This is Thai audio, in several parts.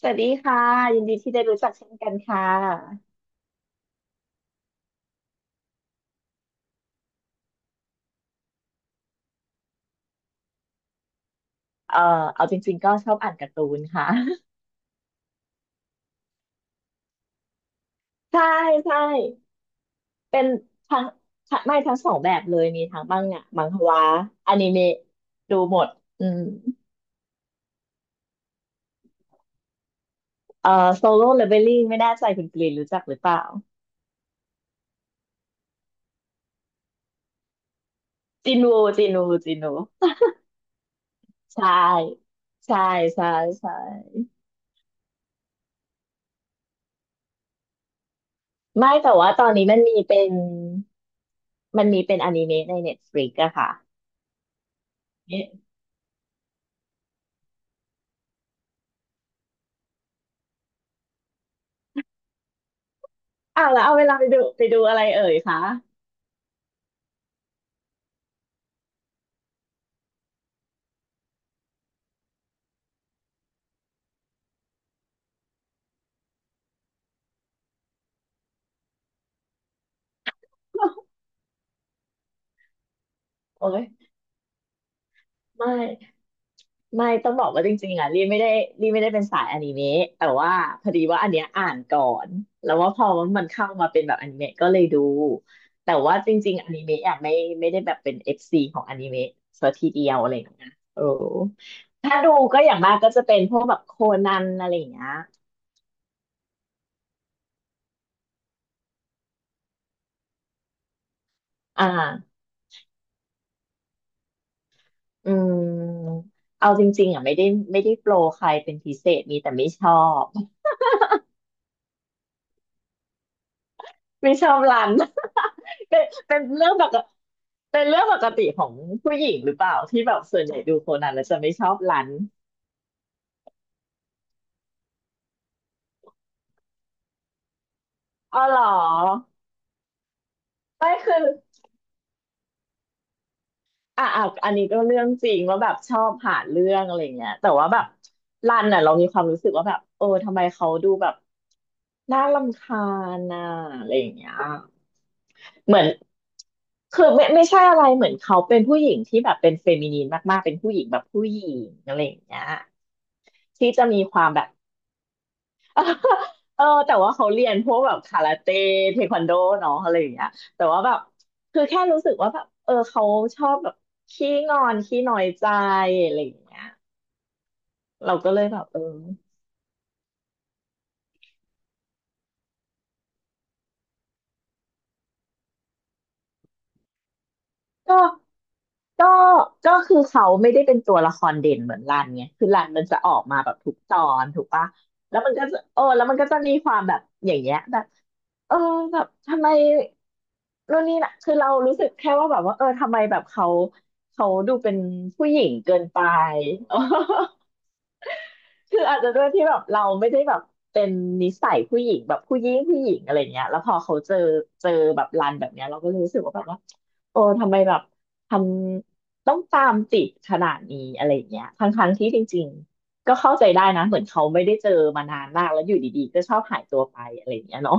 สวัสดีค่ะยินดีที่ได้รู้จักเช่นกันค่ะเอ่อเอาจริงๆก็ชอบอ่านการ์ตูนค่ะ ใช่ใช่เป็นทั้งทั้งไม่ทั้งสองแบบเลยมีทั้งมังงะมังฮวาอนิเมะดูหมดอืมเอ่อโซโล่เลเวลลิ่งไม่แน่ใจคุณกรีนรู้จักหรือเปล่าจินวูใช่ใช่ใช่ใช่ไม่แต่ว่าตอนนี้มันมีเป็นอนิเมะใน Netflix อะค่ะเอ๊ะอ้าวแล้วเอาเวลาไปดูอะไรเอ่ยคะ โอ้ยไม่ไม่ต้องบอกว่าจริงๆอ่ะรีไม่ได้รีไม่ได้เป็นสายอนิเมะแต่ว่าพอดีว่าอันเนี้ยอ่านก่อนแล้วว่าพอมันเข้ามาเป็นแบบอนิเมะก็เลยดูแต่ว่าจริงๆอนิเมะอ่ะไม่ไม่ได้แบบเป็นเอฟซีของอนิเมะซะทีเดียวอะไรอย่างเงี้ยโอ้ถ้าดูก็อย่างมากก็จะเป็นพวกแบบโคนันอะไรอย่างเงี้ยอ่าอืมเอาจริงๆอ่ะไม่ได้ไม่ได้โปรใครเป็นพิเศษมีแต่ไม่ชอบ ไม่ชอบรัน เป็นเป็นเรื่องปกติเป็นเรื่องปกติของผู้หญิงหรือเปล่าที่แบบส่วนใหญ่ดูโคนันแล้วจะไม่ชอบรันอ๋อเหรอไม่คืออ่ะอ่ะอันนี้ก็เรื่องจริงว่าแบบชอบหาเรื่องอะไรเงี้ยแต่ว่าแบบรันอ่ะเรามีความรู้สึกว่าแบบเออทำไมเขาดูแบบน่ารำคาญน่ะอะไรอย่างเงี้ยเหมือนคือไม่ไม่ใช่อะไรเหมือนเขาเป็นผู้หญิงที่แบบเป็นเฟมินีนมากๆเป็นผู้หญิงแบบผู้หญิงอะไรอย่างเงี้ยที่จะมีความแบบ เออแต่ว่าเขาเรียนพวกแบบคาราเต้เทควันโดเนาะอะไรอย่างเงี้ยแต่ว่าแบบคือแค่รู้สึกว่าแบบเออเขาชอบแบบขี้งอนขี้น้อยใจอะไรอย่างเงี้ยเราก็เลยแบบเออก็ ก็ก็คือเขาไม่ได้เป็นตัวละครเด่นเหมือนรันไงคือรันมันจะออกมาแบบทุกตอนถูกปะแล้วมันก็จะเออแล้วมันก็จะมีความแบบอย่างเงี้ยแบบเออแบบทำไมนู่นนี่นะคือเรารู้สึกแค่ว่าแบบว่าเออทำไมแบบเขาดูเป็นผู้หญิงเกินไป คืออาจจะด้วยที่แบบเราไม่ได้แบบเป็นนิสัยผู้หญิงแบบผู้หญิงผู้หญิงอะไรเงี้ยแล้วพอเจอแบบรันแบบเนี้ยเราก็รู้สึกว่าแบบว่าโอ้ทำไมแบบทำต้องตามติดขนาดนี้อะไรเงี้ยทั้งที่จริงๆก็เข้าใจได้นะเหมือนเขาไม่ได้เจอมานานมากแล้วอยู่ดีๆก็ชอบหายตัวไปอะไรเงี้ยเนาะ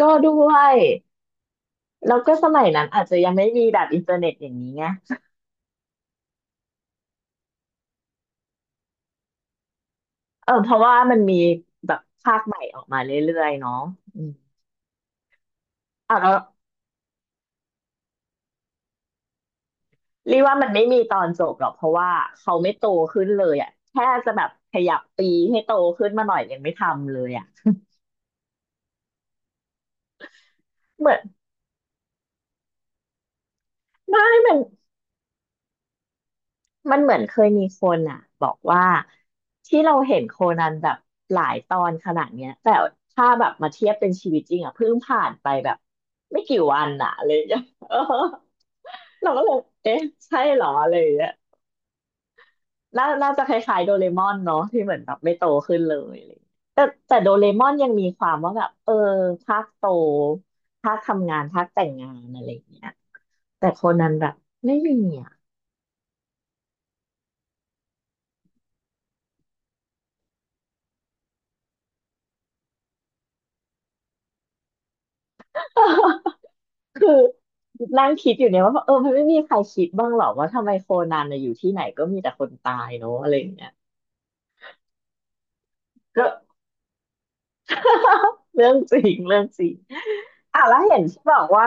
ก็ด้วยแล้วก็สมัยนั้นอาจจะยังไม่มีแบบอินเทอร์เน็ตอย่างนี้ไงเออเพราะว่ามันมีแบบภาคใหม่ออกมาเรื่อยๆเนาะอืมอ่ะแล้ว รีว่ามันไม่มีตอนจบหรอกเพราะว่าเขาไม่โตขึ้นเลยอ่ะแค่จะแบบขยับปีให้โตขึ้นมาหน่อยยังไม่ทำเลยอ่ะเหมือนไม่มันมันเหมือนเคยมีคนอ่ะบอกว่าที่เราเห็นโคนันแบบหลายตอนขนาดเนี้ยแต่ถ้าแบบมาเทียบเป็นชีวิตจริงอ่ะเพิ่งผ่านไปแบบไม่กี่วันอ่ะเลย เออ เราก็เลยเอ๊ะใช่เหรอเลย น่าน่าจะคล้ายๆโดเรมอนเนาะที่เหมือนแบบไม่โตขึ้นเลยอะไรอย่างเงี้ยแต่แต่โดเรมอนยังมีความว่าแบบเออภาคโตภาคทำงานภาคแต่งงานอะไรอย่างเงี้ยแต่โคนันแบบไม่มีอ่ะ คือนั่งคิดอยู่เนี่ยว่าเออมันไม่มีใครคิดบ้างหรอว่าทำไมโคนันน่ะอยู่ที่ไหนก็มีแต่คนตายเนาะอะไรอย่างเงี้ยก็ เรื่องจริงเรื่องจริงอ่ะแล้วเห็นที่บอกว่า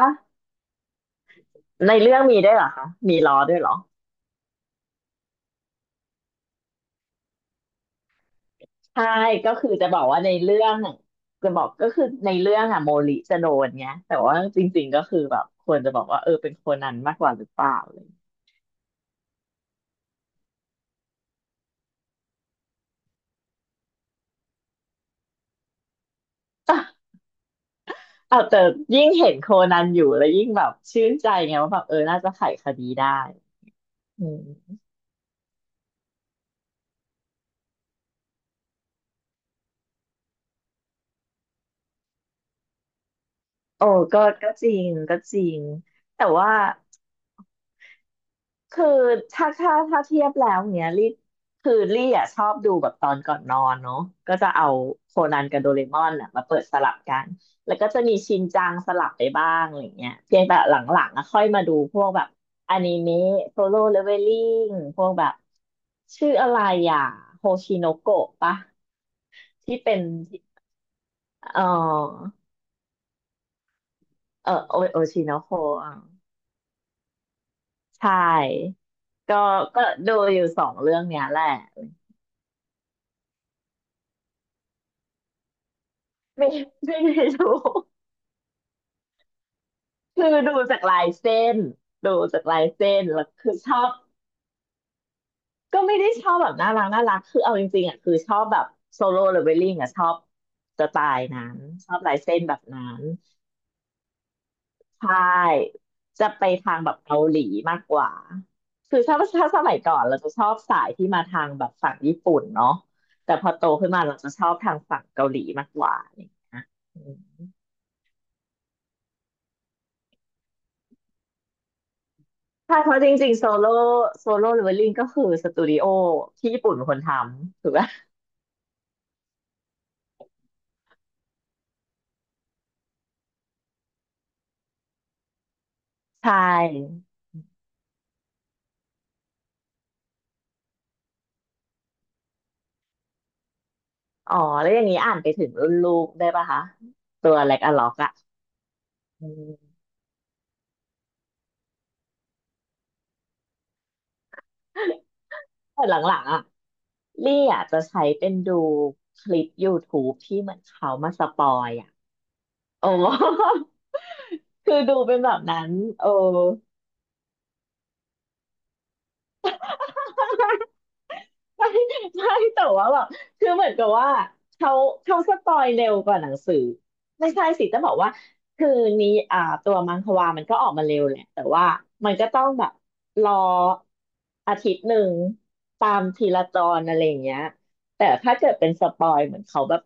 ในเรื่องมีด้วยเหรอคะมีล้อด้วยเหรอ ใช่ก็คือจะบอกว่าในเรื่องจะบอกก็คือในเรื่องอะโมริจะโดนเงี้ยแต่ว่าจริงๆก็คือแบบควรจะบอกว่าเออเป็นโคนันมากกว่าหรือเปล่าอะไรอย่างเลยอ้าวแต่ยิ่งเห็นโคนันอยู่แล้วยิ่งแบบชื่นใจไงว่าแบบเออน่าจะไขคดีได้อืมโอ้ก็ก็จริงก็จริงแต่ว่า คือถ้าเทียบแล้วเนี้ยคือลี่อ่ะชอบดูแบบตอนก่อนนอนเนาะก็จะเอาโคนันกับโดเรมอนอ่ะมาเปิดสลับกันแล้วก็จะมีชินจังสลับไปบ้างอะไรเงี้ยเพียงแต่หลังๆอ่ะค่อยมาดูพวกแบบอนิเมะโซโล่เลเวลลิ่งพวกแบบชื่ออะไรอ่ะโฮชิโนโกะปะที่เป็นเออเออโอชิโนโกะใช่ก็ก็ดูอยู่สองเรื่องเนี้ยแหละไม่ไม่ได้ดู คือดูจากลายเส้นดูจากลายเส้นแล้วคือชอบก็ไม่ได้ชอบแบบน่ารักน่ารักคือเอาจริงๆอ่ะคือชอบแบบโซโล่หรือเวลลิ่งอ่ะชอบสไตล์นั้นชอบลายเส้นแบบนั้นใช่จะไปทางแบบเกาหลีมากกว่าคือชอบถ้าสมัยก่อนเราจะชอบสายที่มาทางแบบฝั่งญี่ปุ่นเนาะแต่พอโตขึ้นมาเราจะชอบทางฝั่งเกาหลีมากกว่าอืมใช่เพราะจริงๆโซโล่เลเวลลิ่งก็คือสตูดิโอที่ญี่ปุ่นเป็นคนทำถูกไหม ใช่ อ๋อ แล้วอย่างนี้อ่านไปถึงรุ่นลูกได้ปะคะ ตัวเล็กอะ ล็อกอะอืมแต่หลังๆอะลี่อ่ะจะใช้เป็นดูคลิป YouTube ที่เหมือนเขามาสปอยอะ โอ้ คือดูเป็นแบบนั้น โอ้ ใช่ใช่แต่ว่าแบบคือเหมือนกับว่าเขาเขาสปอยเร็วกว่าหนังสือ ไม่ใช่สิจะบอกว่า คือนี้อ่าตัวมังความันก็ออกมาเร็วแหละแต่ว่า มันก็ต้องแบบ รออาทิตย์หนึ่ง ตามทีละตอนอะไรอย่างเงี้ยแต่ถ้าเกิดเป็นสปอยเหมือนเขาแบบ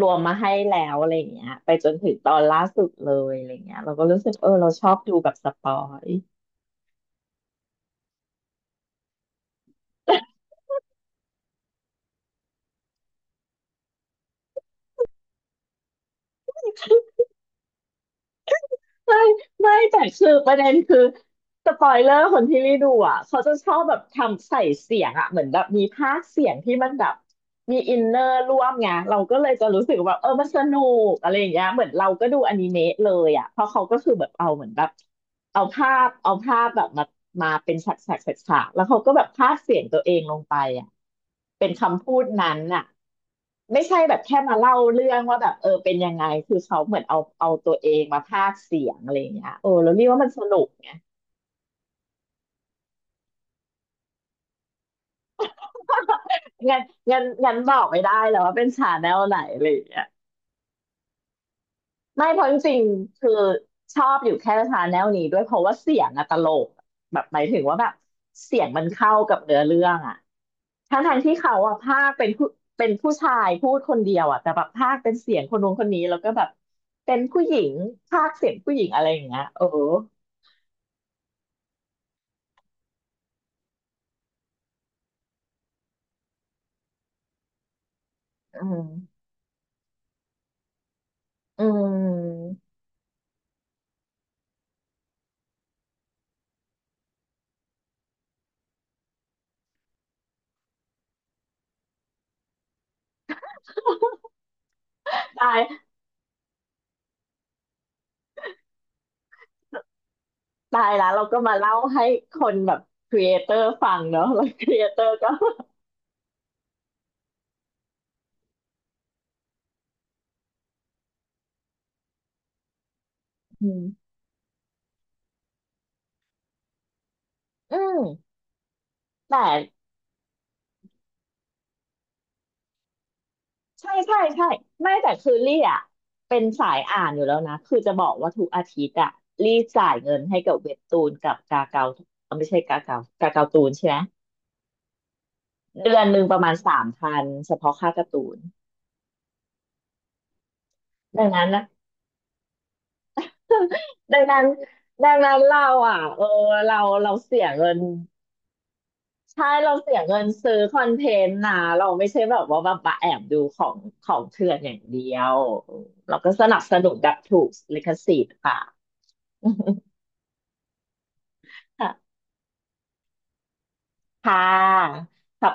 รวมมาให้แล้วอะไรอย่างเงี้ยไปจนถึงตอนล่าสุดเลยอะไรอย่างเงี้ยเราก็รู้สึกเออเราชอบดูแบบสปอย ไม่ไม่แต่คือประเด็นคือสปอยเลอร์คนที่รีดูอ่ะเขาจะชอบแบบทำใส่เสียงอ่ะเหมือนแบบมีพากย์เสียงที่มันแบบมีอินเนอร์ร่วมไงเราก็เลยจะรู้สึกว่าเออมันสนุกอะไรอย่างเงี้ยเหมือนเราก็ดูอนิเมะเลยอ่ะเพราะเขาก็คือแบบเอาเหมือนแบบเอาภาพแบบมาเป็นฉากฉากฉากฉากแล้วเขาก็แบบพากย์เสียงตัวเองลงไปอ่ะเป็นคำพูดนั้นอ่ะ ไม่ใช่แบบแค่มาเล่าเรื่องว่าแบบเออเป็นยังไงคือเขาเหมือนเอาตัวเองมาพากย์เสียงอะไรอย่างเงี้ยโอ้แล้วเรียกว่ามันสนุกไงงั้นงั้นบอกไม่ได้แล้วว่าเป็นชาแนลไหนอะไรอย่างเงี้ยไม่เพราะจริงๆคือชอบอยู่แค่ชาแนลนี้ด้วยเพราะว่าเสียงอะตลกแบบหมายถึงว่าแบบเสียงมันเข้ากับเนื้อเรื่องอะทั้งทที่เขาอะพากย์เป็นผู้ชายพูดคนเดียวอะแต่แบบพากย์เป็นเสียงคนนู้นคนนี้แล้วก็แบบเป็นผู้หญิงพากย์เสียงผู้หญิงอะไรอย่างเงี้ยเอออืม อืมตายตายแล้วเราก็มาเล่าให้คนแบบครีเอเตอร์ฟังเนอะแล้วครีเอเตอร์ก็อืมอืมแต่ใช่ใช่ใช่ไม่แต่คือลี่อ่ะเป็นสายอ่านอยู่แล้วนะคือจะบอกว่าทุกอาทิตย์อ่ะลี่จ่ายเงินให้กับเว็บตูนกับกาเกาเอ้าไม่ใช่กาเกาตูนใช่ไหมเดือนหนึ่งประมาณ3,000เฉพาะค่าการ์ตูนดังนั้นนะดังนั้นดังนั้นเราอ่ะเออเราเราเสียเงิน ใช่เราเสียเงินซื้อคอนเทนต์นะเราไม่ใช่แบบว่าแบบมาแอบดูของของเถื่อนอย่างเดียวอืมเราก็สนับสนุนแบบถูกลิขสิทธิ์ค่ะ ค่ะ